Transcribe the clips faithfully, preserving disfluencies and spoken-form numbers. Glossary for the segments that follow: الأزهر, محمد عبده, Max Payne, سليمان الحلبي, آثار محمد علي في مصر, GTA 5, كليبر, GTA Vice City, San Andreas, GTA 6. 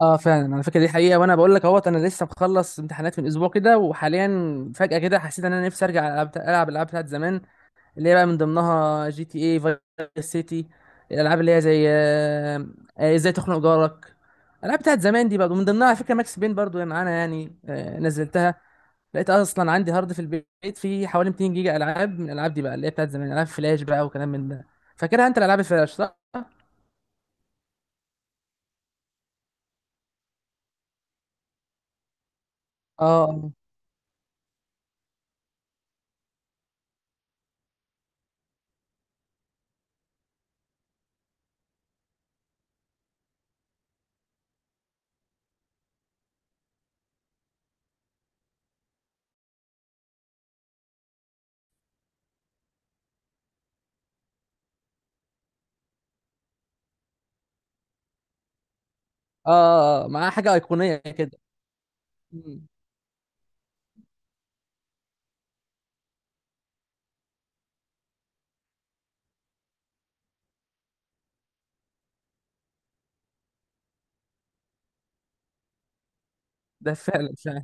اه فعلا، انا فاكر دي حقيقه. وانا بقول لك اهوت، انا لسه مخلص امتحانات من اسبوع كده، وحاليا فجاه كده حسيت ان انا نفسي ارجع العب العب الالعاب بتاعت زمان، اللي هي بقى من ضمنها جي تي اي فايس سيتي. الالعاب اللي هي زي آه، آه، ازاي تخنق جارك. الالعاب بتاعت زمان دي برضه، من ضمنها على فكره ماكس بين برضه معانا. يعني آه، نزلتها، لقيت اصلا عندي هارد في البيت فيه حوالي مئتين جيجا العاب، من الالعاب دي بقى اللي هي بتاعت زمان، العاب فلاش بقى وكلام من ده. فاكرها انت الالعاب الفلاش، صح؟ اه، اه، اه، آه، مع حاجه ايقونيه كده. ده فعلا، فعلا.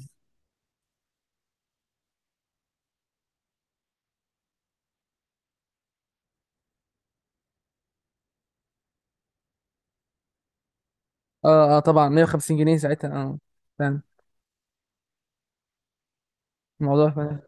اه اه طبعا، مية وخمسين جنيه ساعتها، اه فعلا. الموضوع فعلا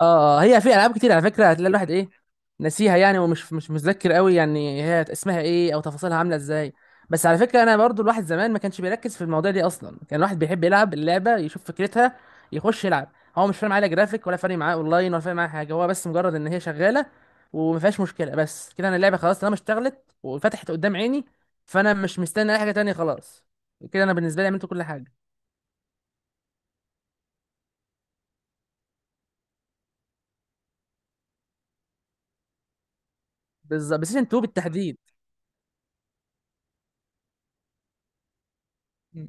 اه. آه، هي في العاب كتير على فكره، هتلاقي الواحد ايه، ناسيها يعني، ومش مش متذكر قوي يعني هي اسمها ايه او تفاصيلها عامله ازاي. بس على فكره، انا برضو الواحد زمان ما كانش بيركز في المواضيع دي اصلا. كان الواحد بيحب يلعب اللعبه يشوف فكرتها، يخش يلعب. هو مش فارق معاه لا جرافيك، ولا فارق معاه اونلاين، ولا فارق معاه حاجه. هو بس مجرد ان هي شغاله وما فيهاش مشكله، بس كده. انا اللعبه خلاص طالما اشتغلت وفتحت قدام عيني، فانا مش مستني اي حاجه تانية. خلاص كده انا بالنسبه لي عملت كل حاجه. بالظبط، بس اتنين بالتحديد. م-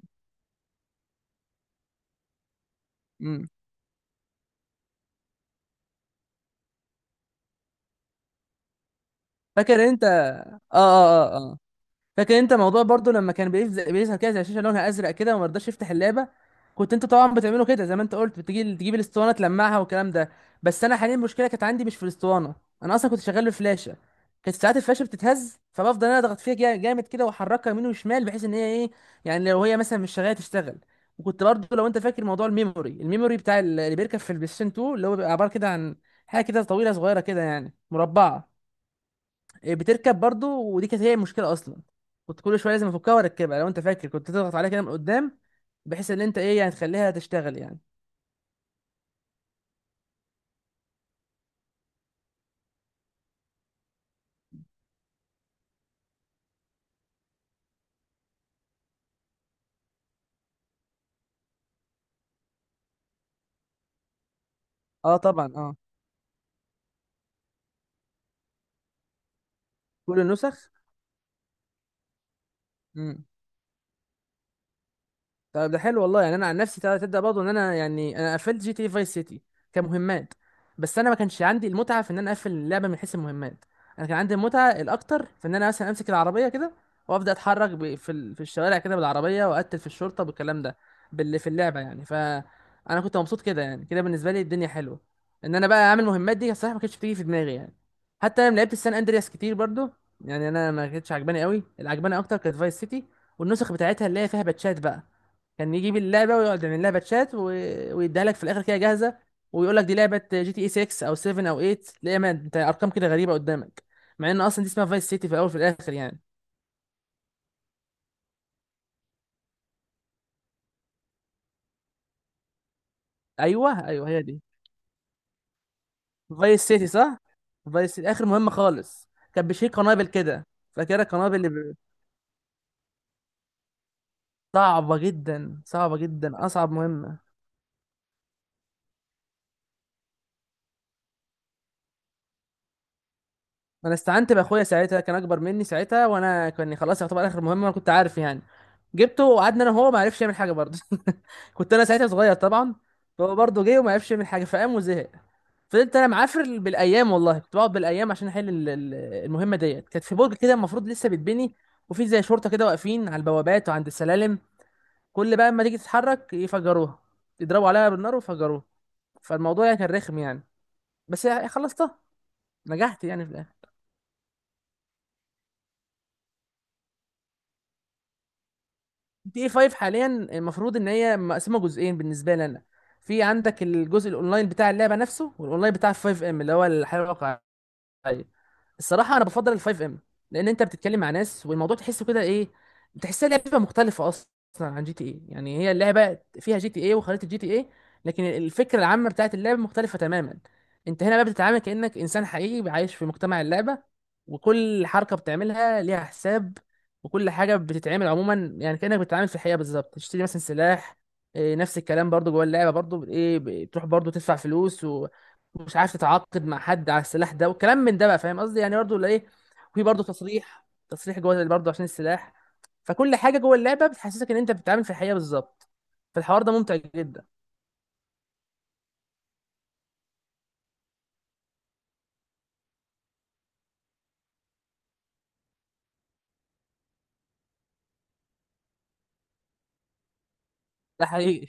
م. فاكر انت؟ اه اه اه اه فاكر انت موضوع برضو لما كان بيز- بيظهر كده زي شاشه لونها ازرق كده وما رضاش يفتح اللعبه؟ كنت انت طبعا بتعمله كده زي ما انت قلت، بتجي تجيب الاسطوانه تلمعها والكلام ده. بس انا حاليا المشكله كانت عندي مش في الاسطوانه، انا اصلا كنت شغال بفلاشه. كانت ساعات الفلاشه بتتهز، فبفضل انا اضغط فيها جا- جامد كده واحركها يمين وشمال، بحيث ان هي ايه، يعني لو هي مثلا مش شغاله تشتغل. وكنت برضو لو انت فاكر موضوع الميموري، الميموري بتاع ال- اللي بيركب في البلايستيشن اتنين، اللي هو بيبقى عباره كده عن حاجه كده طويله صغيره كده يعني مربعه. إيه، بتركب برضو، ودي كانت هي المشكله اصلا. كنت كل شويه لازم افكها واركبها. لو انت فاكر، كنت تضغط عليها كده من قدام بحيث ان انت ايه يعني، تخليها تشتغل يعني. اه طبعا، اه. كل النسخ. مم. طب ده حلو والله. يعني انا عن نفسي، تبدا تبدأ برضه ان انا، يعني انا قفلت جي تي إيه فايس سيتي كمهمات، بس انا ما كانش عندي المتعه في ان انا اقفل اللعبه من حيث المهمات. انا كان عندي المتعه الاكتر في ان انا مثلا امسك العربيه كده، وابدا اتحرك ب... في ال... في الشوارع كده بالعربيه، واقتل في الشرطه بالكلام ده، باللي في اللعبه يعني. فانا كنت مبسوط كده يعني، كده بالنسبه لي الدنيا حلوه. ان انا بقى اعمل مهمات دي، الصراحه ما كانتش بتيجي في دماغي يعني. حتى انا لعبت السان اندرياس كتير برضه، يعني انا ما كانتش عجباني قوي. اللي عجباني اكتر كانت فايس سيتي، والنسخ بتاعتها اللي هي فيها باتشات بقى. كان يجيب اللعبه ويقعد يعمل لها باتشات و... ويديها لك في الاخر كده جاهزه، ويقول لك دي لعبه جي تي اي ستة او سبعة او تمانية. تلاقي ما انت ارقام كده غريبه قدامك، مع ان اصلا دي اسمها فايس سيتي في الاول وفي الاخر يعني. ايوه ايوه، هي دي فايس سيتي، صح. فايس سيتي اخر مهمه خالص كان بيشيل قنابل كده. فاكرها القنابل اللي ب... صعبه جدا، صعبه جدا، اصعب مهمه. انا استعنت باخويا ساعتها، كان اكبر مني ساعتها، وانا كان خلاص يعتبر اخر مهمه، انا كنت عارف يعني. جبته وقعدنا انا وهو، ما عرفش يعمل حاجه برضه. كنت انا ساعتها صغير طبعا. فهو برضه جه وما عرفش يعمل حاجه، فقام وزهق. فضلت انا معافر بالايام، والله كنت بقعد بالايام عشان احل ال- ال- المهمه ديت. كانت في برج كده المفروض لسه بيتبني، وفي زي شرطه كده واقفين على البوابات وعند السلالم. كل بقى اما تيجي تتحرك يفجروها، يضربوا عليها بالنار ويفجروها. فالموضوع يعني كان رخم يعني، بس يعني خلصتها، نجحت يعني في الاخر. دي اي خمسة حاليا المفروض ان هي مقسمه جزئين بالنسبه لي انا. في عندك الجزء الاونلاين بتاع اللعبه نفسه، والاونلاين بتاع خمسة ام اللي هو الحياه الواقعيه. ايوه. الصراحه انا بفضل الفايف ام، لان انت بتتكلم مع ناس، والموضوع تحسه كده ايه، تحسها لعبه مختلفه اصلا عن جي تي اي. يعني هي اللعبه فيها جي تي اي وخريطه جي تي اي، لكن الفكره العامه بتاعت اللعبه مختلفه تماما. انت هنا بقى بتتعامل كانك انسان حقيقي عايش في مجتمع اللعبه، وكل حركه بتعملها ليها حساب، وكل حاجه بتتعمل عموما. يعني كانك بتتعامل في الحقيقه بالظبط، تشتري مثلا سلاح، إيه، نفس الكلام برضو جوه اللعبه برضو ايه، بتروح برضو تدفع فلوس، مش عارف تتعاقد مع حد على السلاح ده وكلام من ده بقى، فاهم قصدي يعني برضه ولا ايه؟ في برضه تصريح تصريح جوه اللي برضه عشان السلاح. فكل حاجه جوه اللعبه بتحسسك ان انت بتتعامل في الحقيقه بالظبط، فالحوار ده ممتع جدا. ده حقيقي.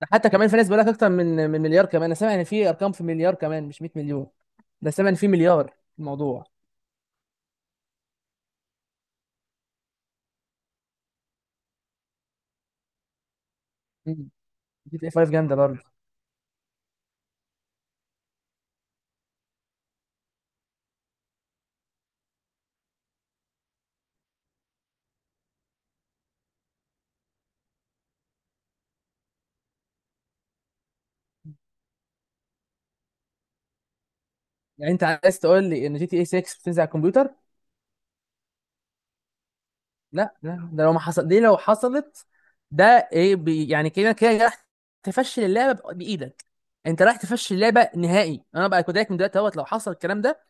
ده حتى كمان في ناس بيقول لك اكتر من من مليار كمان. انا سامع ان في ارقام في مليار كمان، مش 100 مليون. ده سامع ان في مليار في الموضوع. جي تي اي خمسة جامده برضه. يعني انت عايز تقول لي ان جي تي اي ستة بتنزل على الكمبيوتر؟ لا لا، ده لو ما حصل، دي لو حصلت ده ايه بي يعني، كده كده راح تفشل اللعبه بايدك. انت رايح تفشل اللعبه نهائي، انا بقى كوداك من دلوقتي اهوت لو حصل الكلام ده.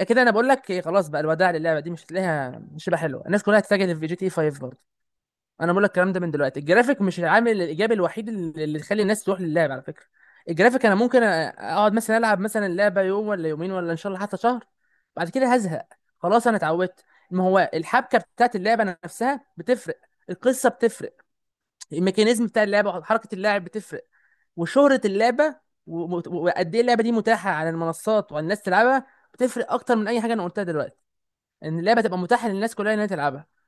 إيه، كده انا بقول لك إيه، خلاص بقى الوداع للعبه دي، مش هتلاقيها، مش هتبقى حلوه. الناس كلها هتتجه في جي تي خمسة برضه. انا بقول لك الكلام ده من دلوقتي. الجرافيك مش العامل الايجابي الوحيد اللي اللي يخلي الناس تروح للعب، على فكره. الجرافيك انا ممكن أ- اقعد مثلا العب مثلا اللعبه يوم ولا يومين، ولا ان شاء الله حتى شهر، بعد كده هزهق، خلاص انا اتعودت. ما هو الحبكه بتاعت اللعبه نفسها بتفرق، القصه بتفرق، الميكانيزم بتاع اللعبه حركه اللاعب بتفرق، وشهره اللعبه، و- و- وقد ايه اللعبه دي متاحه على المنصات والناس تلعبها، بتفرق اكتر من اي حاجه انا قلتها دلوقتي. ان اللعبه تبقى متاحه للناس كلها انها تلعبها.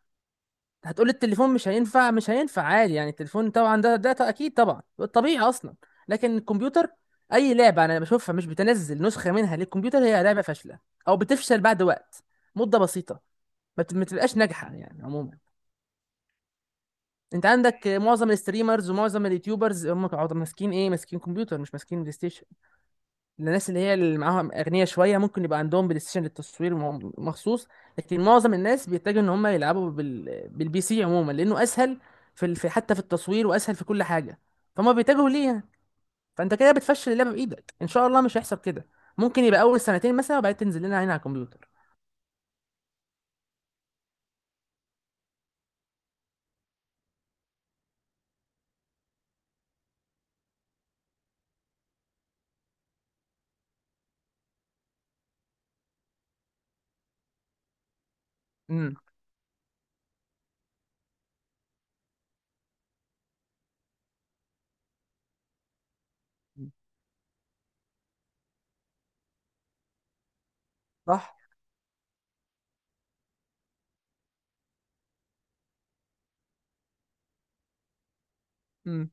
هتقولي التليفون؟ مش هينفع، مش هينفع عادي يعني. التليفون طبعا ده، ده اكيد طبعا، طبيعي اصلا. لكن الكمبيوتر، اي لعبه انا بشوفها مش بتنزل نسخه منها للكمبيوتر، هي لعبه فاشله، او بتفشل بعد وقت، مده بسيطه. ما بت- ما بتبقاش ناجحه يعني عموما. انت عندك معظم الستريمرز ومعظم اليوتيوبرز، هم قاعدين ماسكين ايه، ماسكين كمبيوتر مش ماسكين بلاي ستيشن. الناس اللي هي اللي معاهم اغنياء شويه ممكن يبقى عندهم بلاي ستيشن للتصوير م- مخصوص. لكن معظم الناس بيتجهوا ان هم يلعبوا بال... بالبي سي عموما، لانه اسهل في ال... في حتى في التصوير، واسهل في كل حاجه، فهم بيتجهوا ليه يعني. فانت كده بتفشل اللعبه بايدك. ان شاء الله مش هيحصل كده، ممكن يبقى اول سنتين مثلا، وبعدين تنزل لنا عين على الكمبيوتر. امم. صح. امم.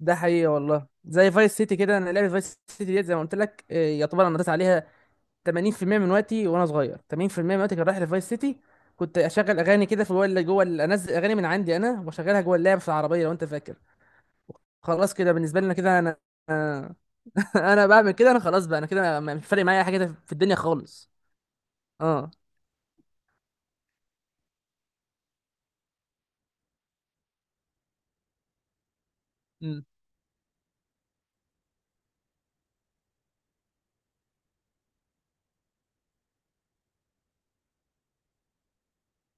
ده حقيقي والله، زي فايس سيتي كده. انا لعبه فايس سيتي ديت زي ما قلت لك آه، يعتبر انا نطيت عليها تمانين بالمية من وقتي وانا صغير، تمانين بالمية من وقتي كان رايح لفايس سيتي. كنت اشغل اغاني كده في اللي جوه ال- انزل اغاني من عندي انا واشغلها جوه اللعب في العربيه، لو انت فاكر. خلاص كده بالنسبه لي، انا كده انا آه. انا بعمل كده، انا خلاص بقى. انا كده ما- مش فارق معايا حاجه كده في الدنيا خالص. اه. مم.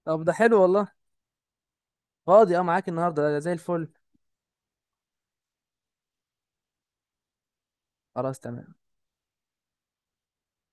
طب ده حلو والله. فاضي، اه، معاك النهارده زي الفل. خلاص، تمام.